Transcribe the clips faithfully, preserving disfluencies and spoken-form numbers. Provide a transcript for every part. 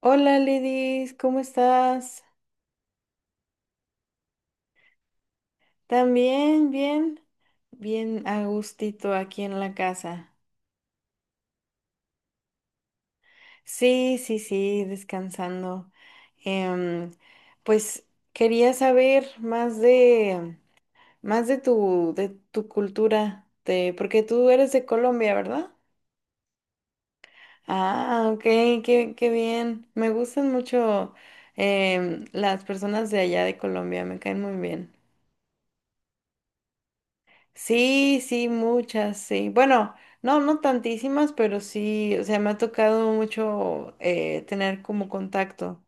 Hola Lidis, ¿cómo estás? ¿También? ¿Bien? Bien a gustito aquí en la casa. Sí, sí, sí, descansando. Em, pues quería saber más de más de tu de tu cultura, de, porque tú eres de Colombia, ¿verdad? Ah, ok, qué, qué bien. Me gustan mucho em, las personas de allá de Colombia, me caen muy bien. Sí, sí, muchas, sí. Bueno, no, no tantísimas, pero sí, o sea, me ha tocado mucho eh, tener como contacto.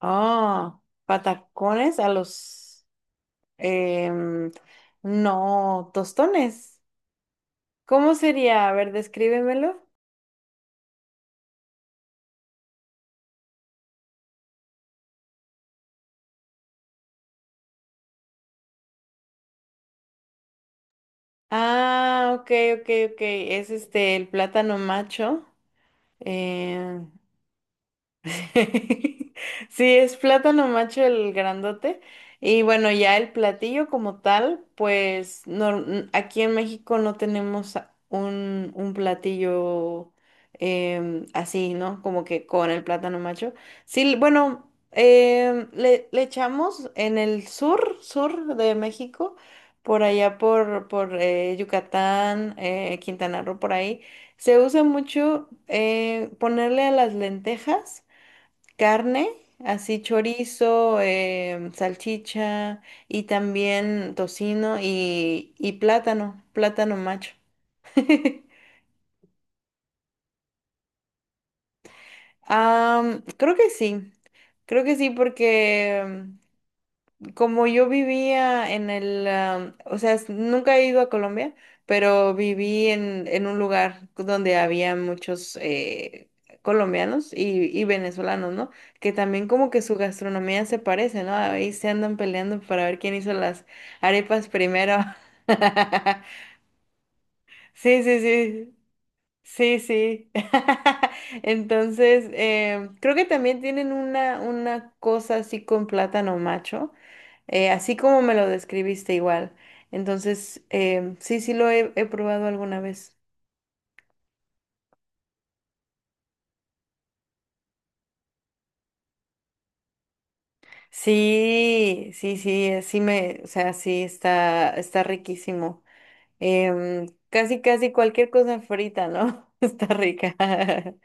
Ah, patacones a los, em, no, tostones. ¿Cómo sería? A ver, descríbemelo. Ah, ok, ok, ok. Es este, el plátano macho. eh, Sí, sí, es plátano macho el grandote. Y bueno, ya el platillo como tal, pues no, n- aquí en México no tenemos a- un, un platillo em, así, ¿no? Como que con el plátano macho. Sí, bueno, em, le, le echamos en el sur, sur de México, por allá por, por eh, Yucatán, eh, Quintana Roo, por ahí. Se usa mucho eh, ponerle a las lentejas carne, así chorizo, em, salchicha y también tocino y, y plátano, plátano macho. Am, creo que sí, creo que sí porque como yo vivía en el, am, o sea, s- nunca he ido a Colombia, pero viví en, en un lugar donde había muchos eh, colombianos y, y venezolanos, ¿no? Que también como que su gastronomía se parece, ¿no? Ahí se andan peleando para ver quién hizo las arepas primero. Sí, sí, sí. Sí, sí. Entonces, em, creo que también tienen una, una cosa así con plátano macho eh, así como me lo describiste igual. Entonces, em, sí, sí lo he, he probado alguna vez. Sí, sí, sí, eh, sí me, o sea, sí está, está riquísimo. Em, casi, casi cualquier cosa frita, ¿no? Está rica.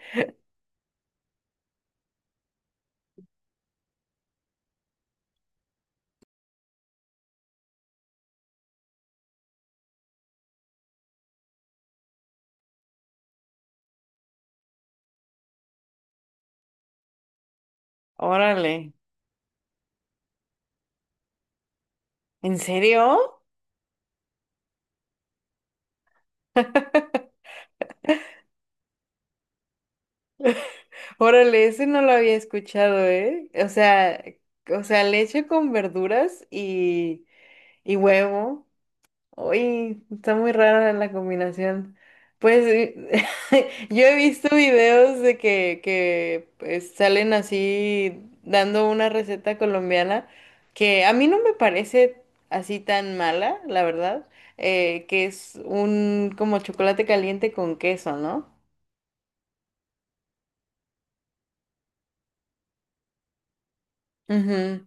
Órale, ¿en serio? Órale, ese no lo había escuchado, ¿eh? O sea, o sea, leche con verduras y, y huevo. Uy, está muy rara la combinación. Pues eh, yo he visto videos de que, que pues, salen así dando una receta colombiana que a mí no me parece así tan mala, la verdad, eh, que es un como chocolate caliente con queso, ¿no? Ujú.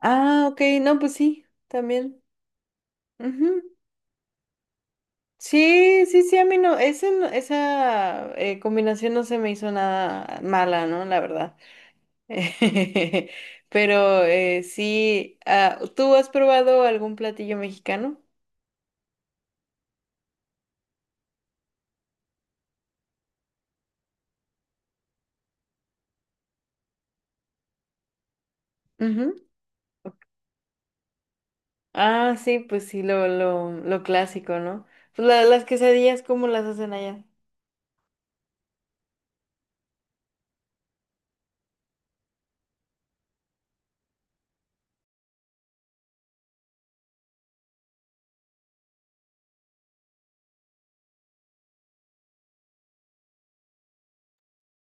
Ah, ok, no, pues sí, también. Ujú. Sí, sí, sí, a mí no, ese no- esa eh, combinación no se me hizo nada mala, ¿no? La verdad. Pero eh, sí, ah, ¿tú has probado algún platillo mexicano? Ujú. Ah, sí, pues sí, lo, lo, lo clásico, ¿no? Pues la- las quesadillas, ¿cómo las hacen allá?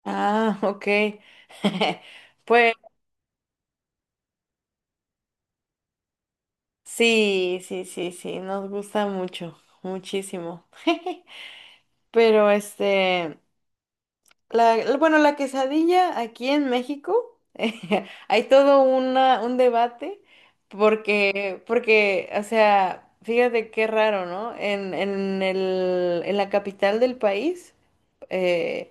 Ah, ok. Pues sí, sí, sí, sí, nos gusta mucho, muchísimo. Pero este, la, bueno, la quesadilla aquí en México, hay todo una, un debate porque, porque, o sea, fíjate qué raro, ¿no? En, en el, en la capital del país, eh,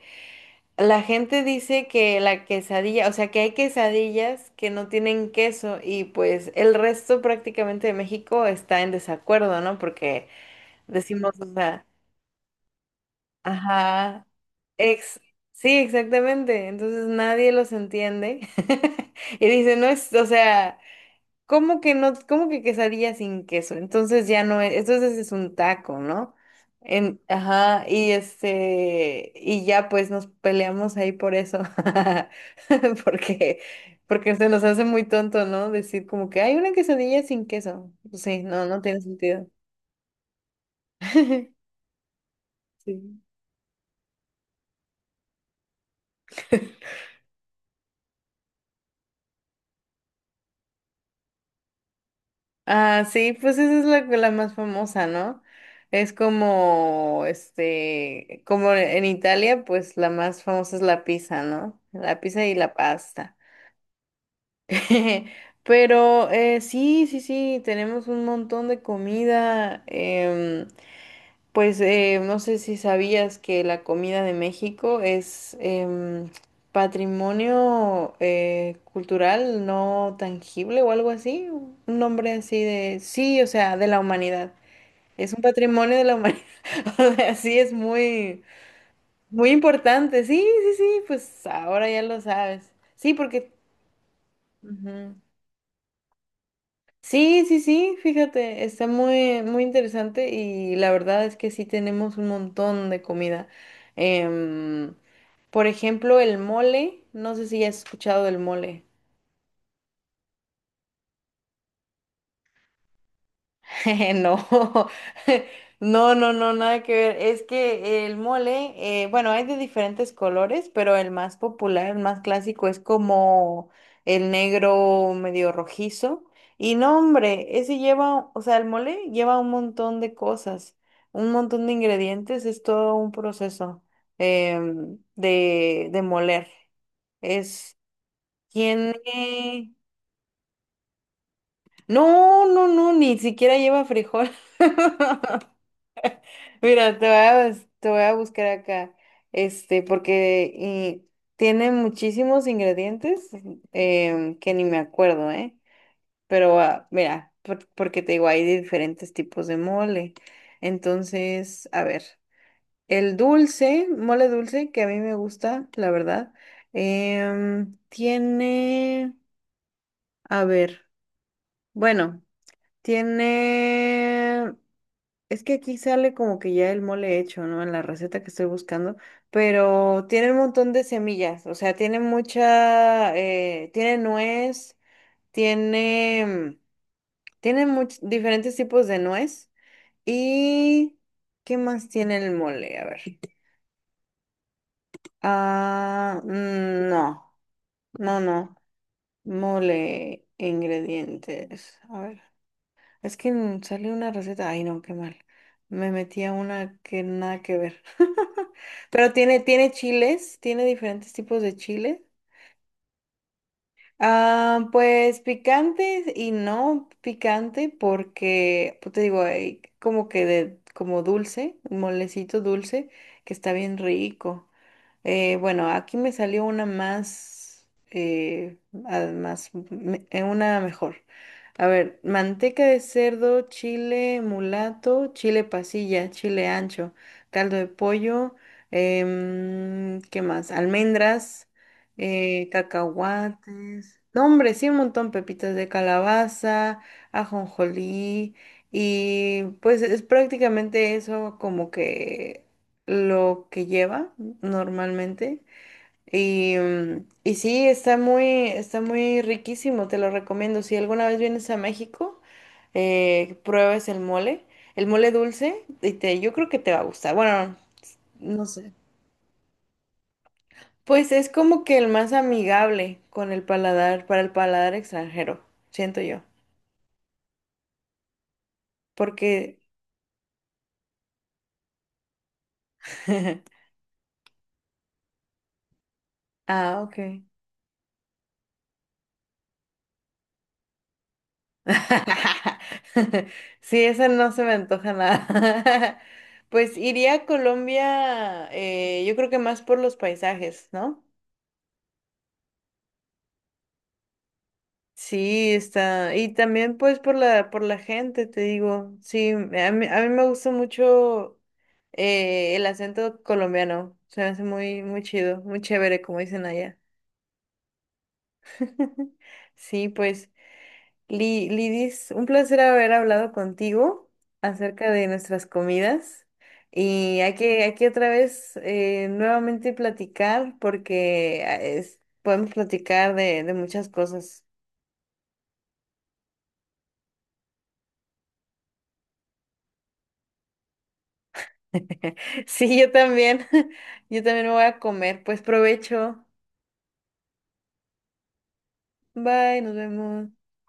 la gente dice que la quesadilla, o sea, que hay quesadillas que no tienen queso y pues el resto prácticamente de México está en desacuerdo, ¿no? Porque decimos, o sea... Ajá. Ex sí, exactamente. Entonces nadie los entiende. Y dice, no es, o sea, ¿cómo que no, cómo que quesadilla sin queso? Entonces ya no es, entonces es un taco, ¿no? En, ajá, y este, y ya pues nos peleamos ahí por eso. Porque, porque se nos hace muy tonto, ¿no? Decir como que hay una quesadilla sin queso. Pues sí, no, no tiene sentido. Sí. Ah, sí, pues esa es la, la más famosa, ¿no? Es como, este, como en Italia, pues la más famosa es la pizza, ¿no? La pizza y la pasta. Pero eh, sí, sí, sí, tenemos un montón de comida. Em, pues eh, no sé si sabías que la comida de México es em, patrimonio eh, cultural no tangible o algo así, un nombre así de, sí, o sea, de la humanidad. Es un patrimonio de la humanidad. O sea, sí, es muy, muy importante. Sí, sí, sí, pues ahora ya lo sabes. Sí, porque... Ujú. Sí, sí, sí, fíjate, está muy, muy interesante y la verdad es que sí tenemos un montón de comida. Em, por ejemplo, el mole, no sé si has escuchado del mole. No, no, no, no, nada que ver. Es que el mole, eh, bueno, hay de diferentes colores, pero el más popular, el más clásico es como el negro medio rojizo. Y no, hombre, ese lleva, o sea, el mole lleva un montón de cosas, un montón de ingredientes, es todo un proceso em, de, de moler. Es, tiene... No, no, no, ni siquiera lleva frijol. Mira, te voy a, bus- te voy a buscar acá, este, porque y tiene muchísimos ingredientes em, que ni me acuerdo, ¿eh? Pero ah, mira, por- porque te digo, hay de diferentes tipos de mole. Entonces, a ver, el dulce, mole dulce, que a mí me gusta, la verdad, em, tiene, a ver, bueno, tiene es que aquí sale como que ya el mole hecho, ¿no? En la receta que estoy buscando, pero tiene un montón de semillas, o sea, tiene mucha, eh, tiene nuez, tiene, tiene much- diferentes tipos de nuez y ¿qué más tiene el mole? A ver. Ah, mm, no, no, no, mole, ingredientes, a ver. Es que n- sale una receta, ay no, qué mal. Me metí a una que nada que ver. Pero tiene, tiene chiles, tiene diferentes tipos de chiles. Ah, pues picantes y no picante porque, pues te digo, hay como que de, como dulce, un molecito dulce que está bien rico. Eh, bueno, aquí me salió una más, eh, ah, más, me- eh, una mejor. A ver, manteca de cerdo, chile mulato, chile pasilla, chile ancho, caldo de pollo, em, ¿qué más? Almendras, eh, cacahuates. No, hombre, sí, un montón, pepitas de calabaza, ajonjolí, y pues es prácticamente eso como que lo que lleva normalmente. Y, mm, y sí, está muy, está muy riquísimo, te lo recomiendo. Si alguna vez vienes a México, eh, pruebes el mole, el mole dulce, y te, yo creo que te va a gustar. Bueno, no sé. Pues es como que el más amigable con el paladar, para el paladar extranjero, siento yo. Porque, ah, ok. Sí, esa no se me antoja nada. Pues iría a Colombia, eh, yo creo que más por los paisajes, ¿no? Sí, está. Y también pues por la, por la gente, te digo. Sí, a mí, a mí me gusta mucho eh, el acento colombiano. Se me hace muy, muy chido, muy chévere, como dicen allá. Sí, pues. Li- Lidis, un placer haber hablado contigo acerca de nuestras comidas y hay que, hay que otra vez eh, nuevamente platicar porque ah, es- podemos platicar de, de muchas cosas. Sí, yo también. Yo también me voy a comer. Pues provecho. Bye, nos vemos.